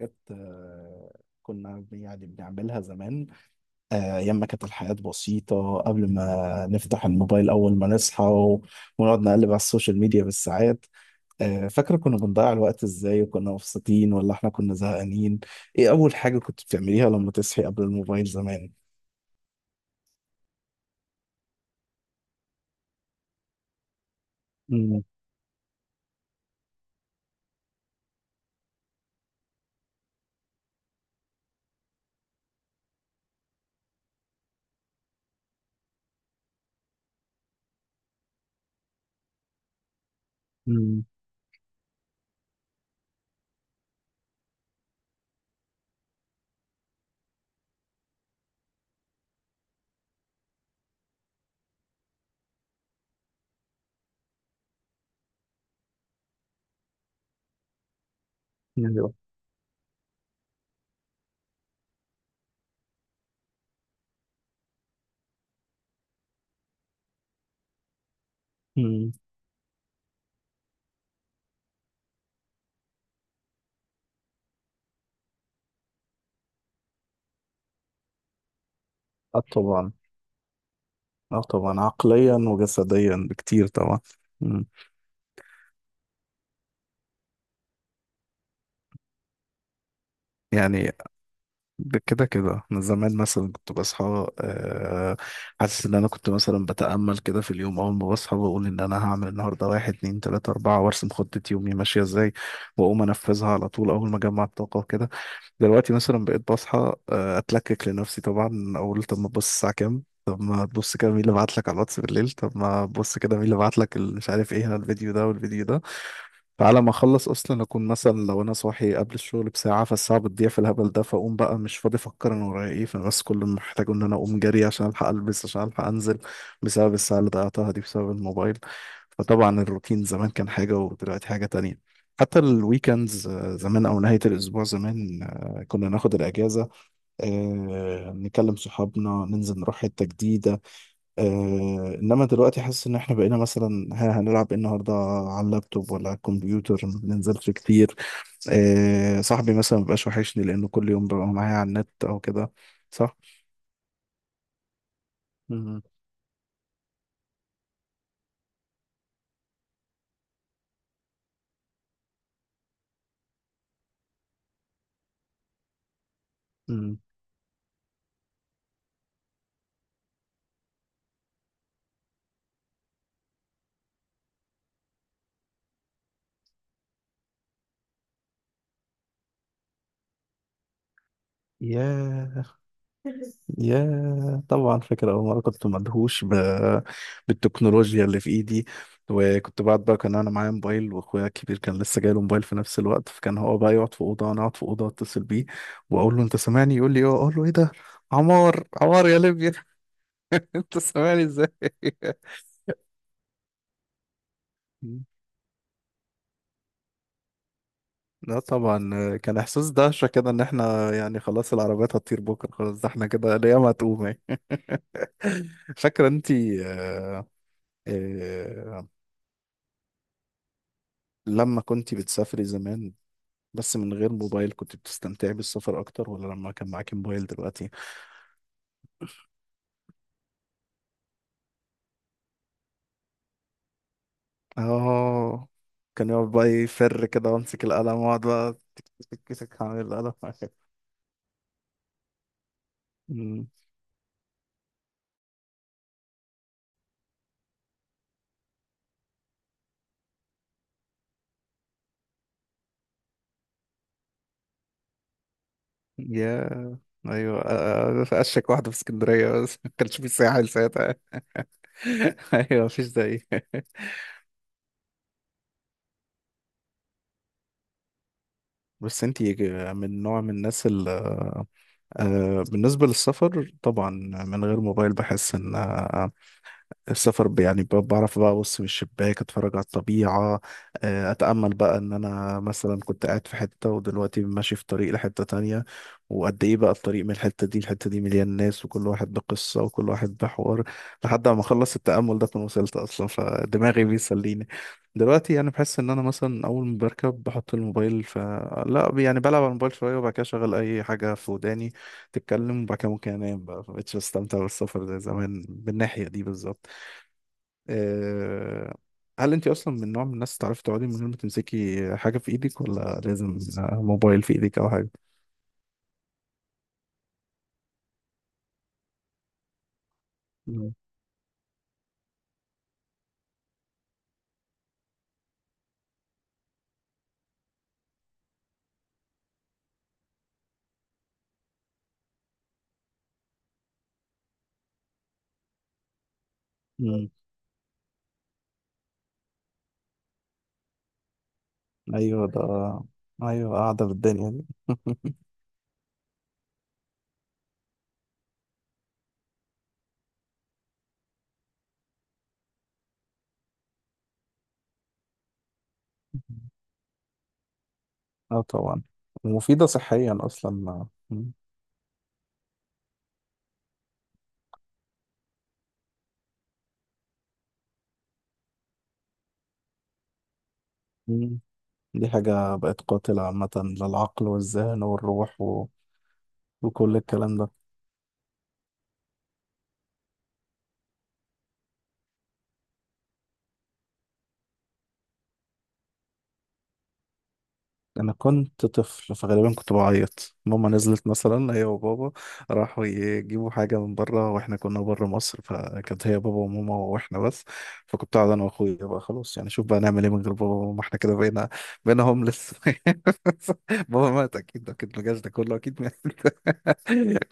حاجات كنا يعني بنعملها زمان. أيام ما كانت الحياة بسيطة قبل ما نفتح الموبايل أول ما نصحى ونقعد نقلب على السوشيال ميديا بالساعات. فاكرة كنا بنضيع الوقت إزاي وكنا مبسوطين ولا إحنا كنا زهقانين؟ إيه أول حاجة كنت بتعمليها لما تصحي قبل الموبايل زمان؟ مم، مم، أيوه، مم. اه طبعا. اه طبعا، عقليا وجسديا بكتير طبعا. مم. يعني ده كده كده انا زمان مثلا كنت بصحى، حاسس ان انا كنت مثلا بتأمل كده في اليوم اول ما بصحى، بقول ان انا هعمل النهارده واحد اتنين تلاتة اربعة وارسم خطة يومي ماشية ازاي، واقوم انفذها على طول اول ما اجمع الطاقة وكده. دلوقتي مثلا بقيت بصحى، اتلكك لنفسي طبعا، اقول طب ما تبص الساعة كام، طب ما تبص كده مين اللي بعت لك على الواتس بالليل، طب ما تبص كده مين اللي بعت لك مش عارف ايه، هنا الفيديو ده والفيديو ده. فعلى ما اخلص اصلا اكون مثلا لو انا صاحي قبل الشغل بساعه، فالساعه بتضيع في الهبل ده، فاقوم بقى مش فاضي افكر انا ورايا ايه، فبس كل اللي محتاجه ان انا اقوم جري عشان الحق البس عشان الحق انزل، بسبب الساعه اللي ضيعتها دي بسبب الموبايل. فطبعا الروتين زمان كان حاجه ودلوقتي حاجه تانية. حتى الويكندز زمان او نهايه الاسبوع زمان، كنا ناخد الاجازه، نكلم صحابنا، ننزل نروح حته جديده. آه، انما دلوقتي حاسس ان احنا بقينا مثلا هنلعب إيه النهارده على اللابتوب ولا على الكمبيوتر، ما بننزلش كتير. آه، صاحبي مثلا مبقاش وحشني لانه كل يوم ببقى معايا على النت او كده. صح؟ مم. مم. ياه، يا طبعا فاكر أول مرة كنت مدهوش بالتكنولوجيا اللي في إيدي. وكنت بعد بقى كان أنا معايا موبايل وأخويا الكبير كان لسه جاي له موبايل في نفس الوقت، فكان هو بقى يقعد في أوضة وأنا أقعد في أوضة أتصل بيه وأقول له أنت سامعني، يقول لي أه، أقول له إيه ده، عمار عمار يا ليبيا. أنت سامعني إزاي؟ لا طبعا كان إحساس دهشة كده إن إحنا يعني خلاص العربيات هتطير بكرة، خلاص ده إحنا كده الأيام هتقوم يعني. فاكرة أنتي آه، لما كنت بتسافري زمان بس من غير موبايل كنت بتستمتعي بالسفر اكتر ولا لما كان معاكي موبايل دلوقتي؟ اه، كان يقعد بقى يفر كده وامسك القلم واقعد بقى تك. تك تك تك هعمل القلم. أمم، يا ايوه، في اشك واحده في اسكندريه بس. ما كانش في ساحل ساعتها. ايوه، مفيش زي. بس انتي من نوع من الناس اللي بالنسبة للسفر طبعا من غير موبايل بحس ان السفر بعرف بقى ابص من الشباك اتفرج على الطبيعه، اتامل بقى ان انا مثلا كنت قاعد في حته ودلوقتي ماشي في طريق لحته تانية، وقد ايه بقى الطريق من الحته دي الحته دي مليان ناس وكل واحد بقصه وكل واحد بحوار، لحد ما اخلص التامل ده اكون وصلت اصلا، فدماغي بيسليني. دلوقتي يعني بحس ان انا مثلا اول ما بركب بحط الموبايل، لا، يعني بلعب على الموبايل شويه وبعد كده اشغل اي حاجه في وداني تتكلم وبعد كده ممكن انام بقى، مبقتش بستمتع بالسفر زي زمان بالناحية دي بالظبط. آه، هل انت اصلا من نوع من الناس تعرفي تقعدي من غير ما تمسكي حاجه في ايدك ولا لازم موبايل في ايدك او حاجه؟ مم. مم. ايوه ده. ايوه، قاعده بالدنيا دي. اه طبعا، ومفيده صحيا اصلا. مم. مم. دي حاجه بقت قاتله عامه للعقل والذهن والروح وكل الكلام ده. انا كنت طفل فغالبا كنت بعيط. ماما نزلت مثلا هي وبابا راحوا يجيبوا حاجه من بره، واحنا كنا بره مصر، فكانت هي بابا وماما واحنا بس، فكنت قاعد انا واخويا بقى خلاص يعني شوف بقى نعمل ايه من غير بابا وماما احنا كده، بقينا، هوملس. بابا مات، اكيد اكيد ما جاش، ده كله اكيد مات.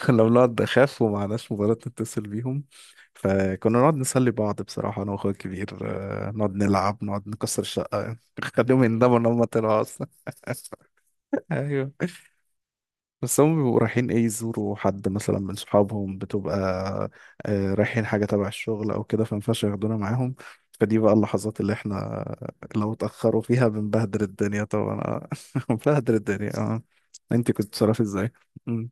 كنا بنقعد نخاف ومعناش موبايلات نتصل بيهم، فكنا نقعد نسلي بعض بصراحه انا واخويا الكبير، نقعد نلعب، نقعد نكسر الشقه، نخليهم يندموا ان هم طلعوا اصلا. ايوه. بس هم بيبقوا رايحين ايه، يزوروا حد مثلا من صحابهم، بتبقى رايحين حاجه تبع الشغل او كده، فمينفعش ياخدونا معاهم. فدي بقى اللحظات اللي احنا لو اتاخروا فيها بنبهدل الدنيا طبعا. بنبهدل الدنيا، اه. انت كنت بتصرفي ازاي؟ مم.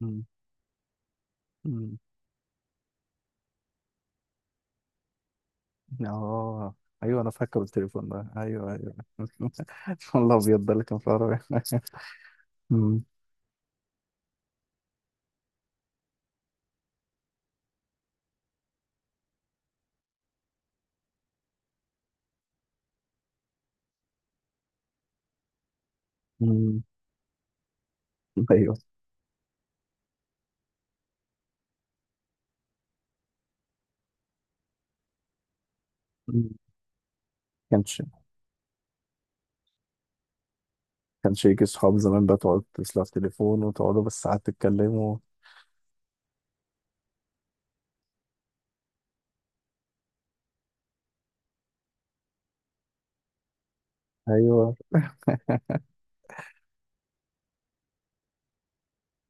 مم. مم. اه، ايوه، انا فاكر التليفون ده، ايوه ايوه. والله ابيض ده اللي كان في العربية. مم. مم. ايوه. مم. كانش. يجي صحاب زمان بقى تقعد تتصل على التليفون وتقعدوا بالساعات تتكلموا؟ ايوه.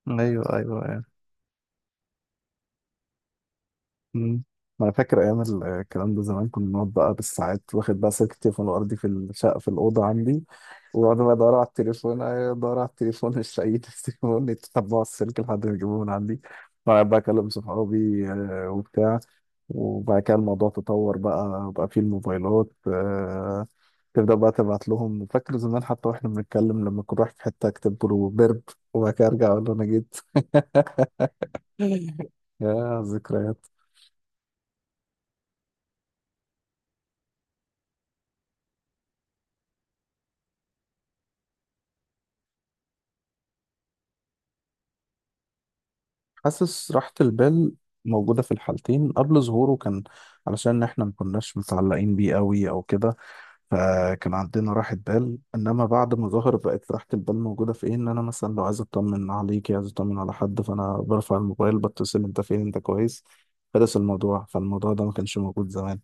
ايوه ايوه يعني. أمم. ما انا فاكر ايام الكلام ده زمان، كنا بنقعد بقى بالساعات، واخد بقى سلك التليفون الارضي في الشقه في الاوضه عندي، واقعد بقى ادور على التليفون، أيوة، ادور على التليفون مش لاقي التليفون، يتتبعوا السلك لحد ما يجيبوه من عندي، وأقعد بقى اكلم صحابي وبتاع. وبعد كده الموضوع تطور، بقى فيه الموبايلات، تبدأ بقى تبعت لهم. فاكر زمان حتى واحنا بنتكلم لما كنت رايح في حتة اكتب له برب، وبعد كده ارجع اقول له انا جيت. يا ذكريات. حاسس راحة البال موجودة في الحالتين. قبل ظهوره كان علشان احنا ما كناش متعلقين بيه قوي او كده، فكان عندنا راحة بال. انما بعد ما ظهر بقت راحة البال موجودة في ايه، ان انا مثلا لو عايز اطمن عليكي عايز اطمن على حد، فانا برفع الموبايل بتصل، انت فين، انت كويس، خلص الموضوع، فالموضوع ده ما كانش موجود زمان.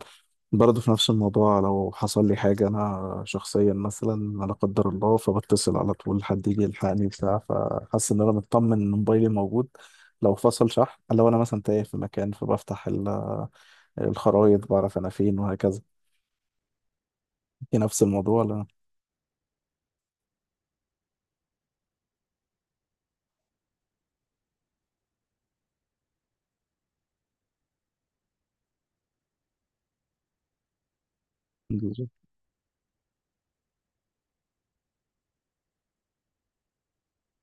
برضه في نفس الموضوع، لو حصل لي حاجة انا شخصيا مثلا لا قدر الله، فبتصل على طول حد يجي يلحقني بتاع، فحاسس ان انا مطمن ان موبايلي موجود، لو فصل شحن، لو انا مثلا تايه في مكان فبفتح الخرايط بعرف انا فين وهكذا. في نفس الموضوع. لا.